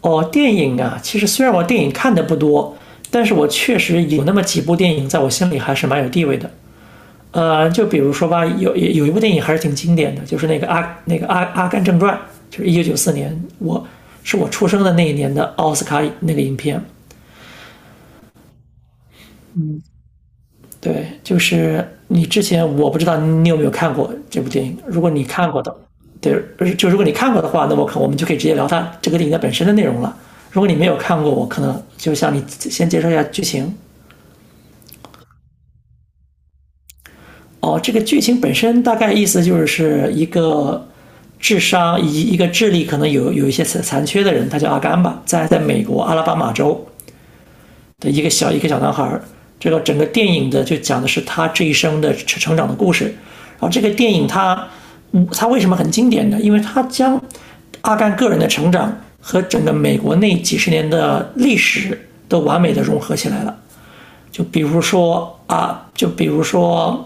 哦，电影啊，其实虽然我电影看的不多，但是我确实有那么几部电影在我心里还是蛮有地位的。就比如说吧，有一部电影还是挺经典的，就是那个阿甘正传，就是1994年，我出生的那一年的奥斯卡那个影片。对，就是你之前我不知道你有没有看过这部电影，如果你看过的，对，就如果你看过的话，那我们就可以直接聊它这个电影的本身的内容了。如果你没有看过，我可能就向你先介绍一下剧情。哦，这个剧情本身大概意思就是一个智商以一个智力可能有一些残缺的人，他叫阿甘吧，在美国阿拉巴马州的一个小男孩，这个整个电影的就讲的是他这一生的成长的故事。然后这个电影它它为什么很经典呢？因为它将阿甘个人的成长和整个美国那几十年的历史都完美的融合起来了。就比如说啊，就比如说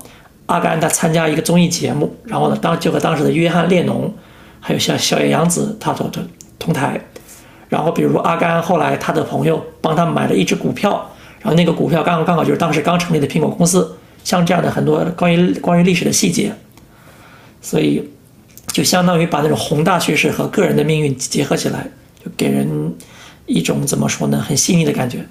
阿甘他参加一个综艺节目，然后呢，就和当时的约翰列侬，还有像小野洋子他都同台，然后比如阿甘后来他的朋友帮他买了一只股票，然后那个股票刚好就是当时刚成立的苹果公司，像这样的很多关于历史的细节，所以就相当于把那种宏大叙事和个人的命运结合起来，就给人一种怎么说呢，很细腻的感觉。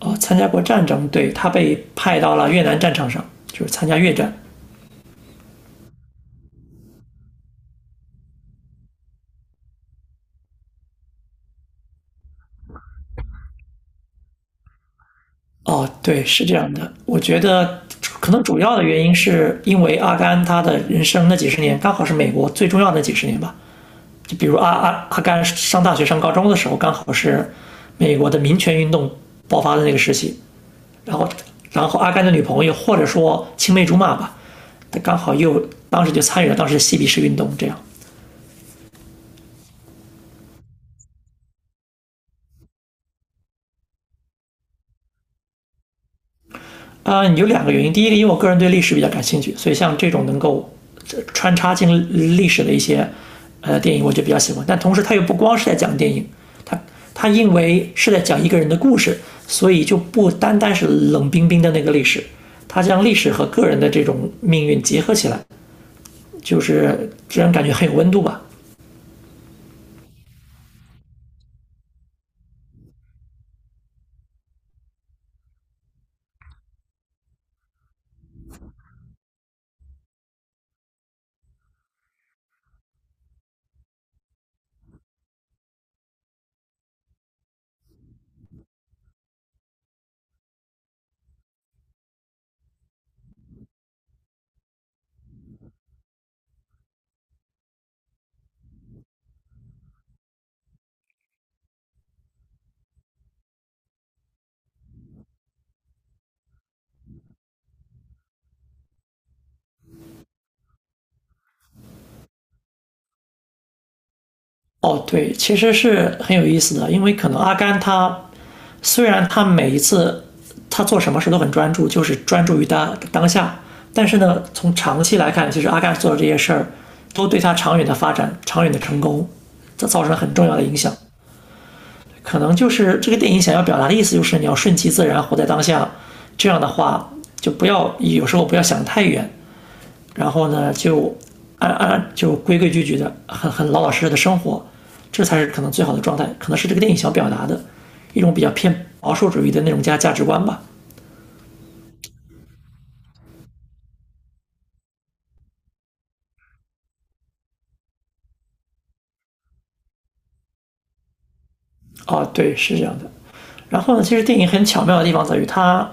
哦、参加过战争，对他被派到了越南战场上，就是参加越战。哦，对，是这样的。我觉得可能主要的原因是因为阿甘他的人生那几十年刚好是美国最重要的几十年吧。就比如阿甘上大学上高中的时候，刚好是美国的民权运动爆发的那个时期。然后，然后阿甘的女朋友或者说青梅竹马吧，他刚好又当时就参与了当时的嬉皮士运动，这样。啊、有两个原因。第一个，因为我个人对历史比较感兴趣，所以像这种能够穿插进历史的一些电影，我就比较喜欢。但同时，它又不光是在讲电影，它它因为是在讲一个人的故事，所以就不单单是冷冰冰的那个历史，它将历史和个人的这种命运结合起来，就是让人感觉很有温度吧。哦，对，其实是很有意思的，因为可能阿甘他虽然他每一次他做什么事都很专注，就是专注于他当下，但是呢，从长期来看，其实阿甘做的这些事儿都对他长远的发展、长远的成功，这造成了很重要的影响。可能就是这个电影想要表达的意思，就是你要顺其自然，活在当下。这样的话，就不要有时候不要想太远，然后呢就安安就规规矩矩的，很老老实实的生活，这才是可能最好的状态，可能是这个电影想表达的一种比较偏保守主义的那种价值观吧。哦，对，是这样的。然后呢，其实电影很巧妙的地方在于，它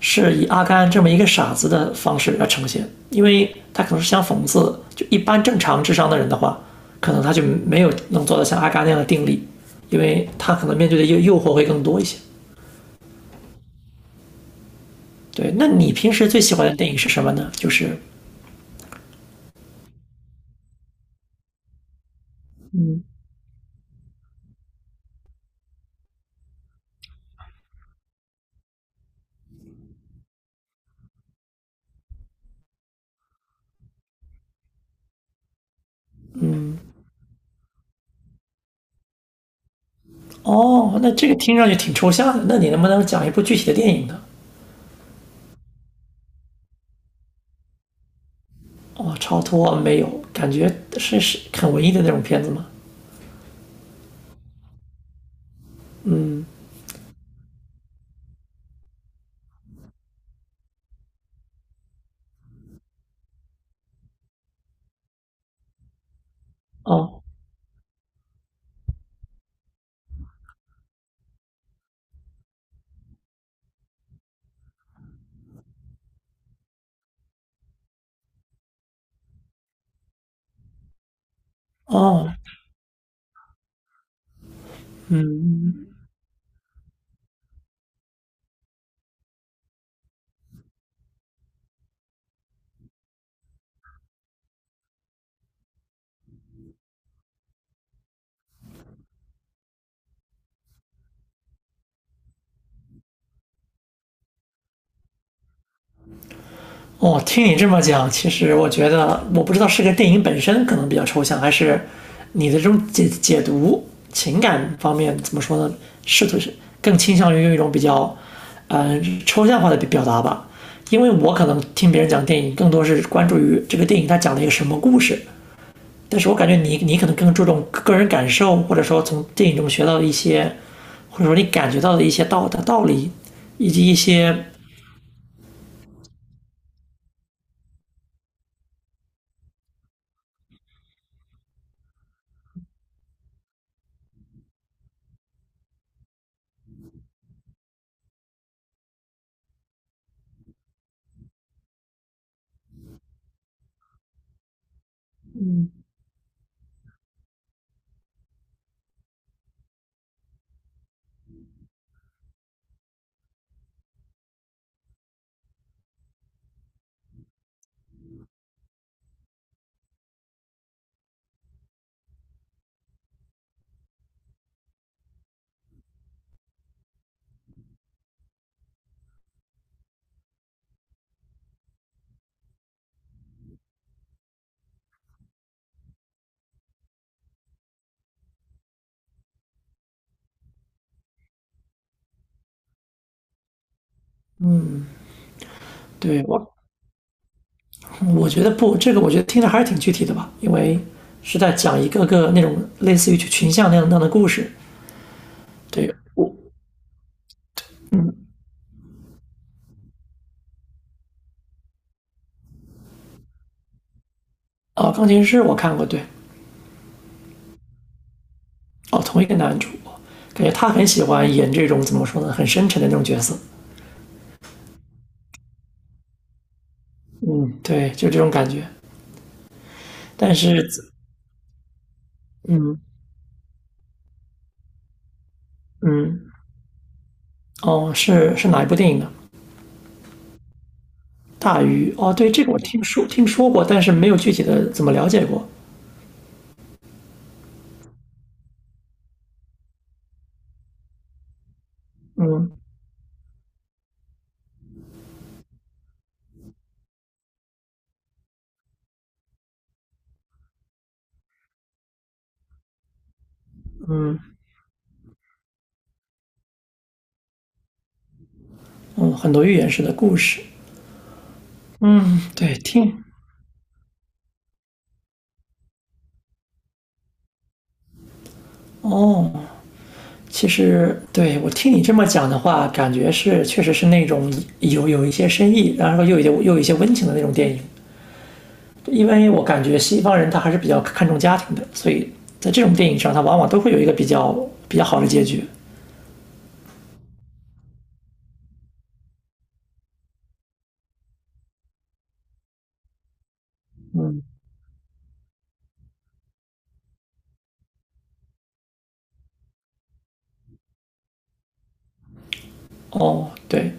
是以阿甘这么一个傻子的方式来呈现，因为他可能是想讽刺，就一般正常智商的人的话，可能他就没有能做到像阿甘那样的定力，因为他可能面对的诱惑会更多一些。对，那你平时最喜欢的电影是什么呢？就是哦，那这个听上去挺抽象的，那你能不能讲一部具体的电影呢？哦，超脱没有，感觉是很文艺的那种片子吗？哦哦，嗯。哦，听你这么讲，其实我觉得，我不知道是个电影本身可能比较抽象，还是你的这种解读情感方面怎么说呢？试图是更倾向于用一种比较，抽象化的表达吧。因为我可能听别人讲电影，更多是关注于这个电影它讲了一个什么故事，但是我感觉你可能更注重个人感受，或者说从电影中学到的一些，或者说你感觉到的一些道理，以及一些对我。我觉得不，这个我觉得听着还是挺具体的吧，因为是在讲一个个那种类似于群像那样的故事。对我，嗯，哦，钢琴师我看过，对，哦，同一个男主，感觉他很喜欢演这种怎么说呢，很深沉的那种角色。嗯，对，就这种感觉。但是，嗯嗯，哦，是哪一部电影呢？大鱼哦，对，这个我听说过，但是没有具体的怎么了解过。嗯嗯嗯，很多寓言式的故事。嗯，对，听哦，其实对我听你这么讲的话，感觉是确实是那种有一些深意，然后又有一些温情的那种电影。因为我感觉西方人他还是比较看重家庭的，所以在这种电影上，他往往都会有一个比较好的结局。哦，对，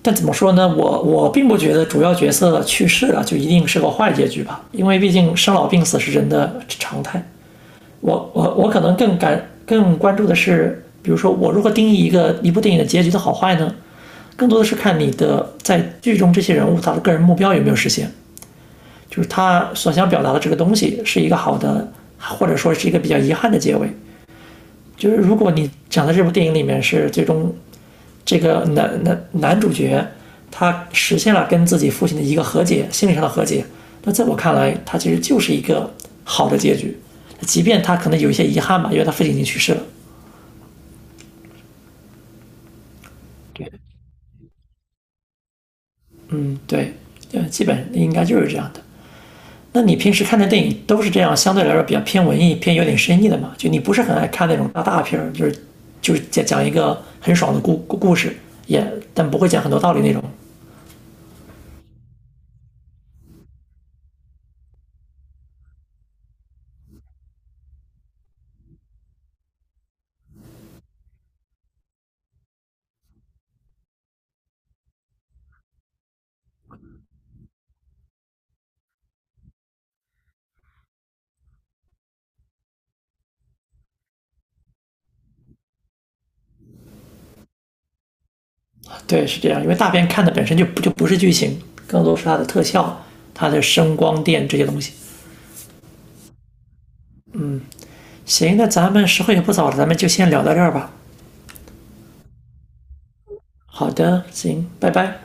但怎么说呢？我并不觉得主要角色去世了就一定是个坏结局吧，因为毕竟生老病死是人的常态。我可能更关注的是，比如说我如何定义一部电影的结局的好坏呢？更多的是看你的在剧中这些人物他的个人目标有没有实现，就是他所想表达的这个东西是一个好的，或者说是一个比较遗憾的结尾。就是如果你讲的这部电影里面是最终这个男主角他实现了跟自己父亲的一个和解，心理上的和解，那在我看来，他其实就是一个好的结局，即便他可能有一些遗憾吧，因为他父亲已经去世了。对，嗯，对，基本应该就是这样的。那你平时看的电影都是这样，相对来说比较偏文艺、偏有点深意的嘛？就你不是很爱看那种大片儿，就是就是讲一个很爽的故事，也但不会讲很多道理那种。对，是这样，因为大片看的本身就不是剧情，更多是它的特效、它的声光电这些东西。行，那咱们时候也不早了，咱们就先聊到这儿吧。好的，行，拜拜。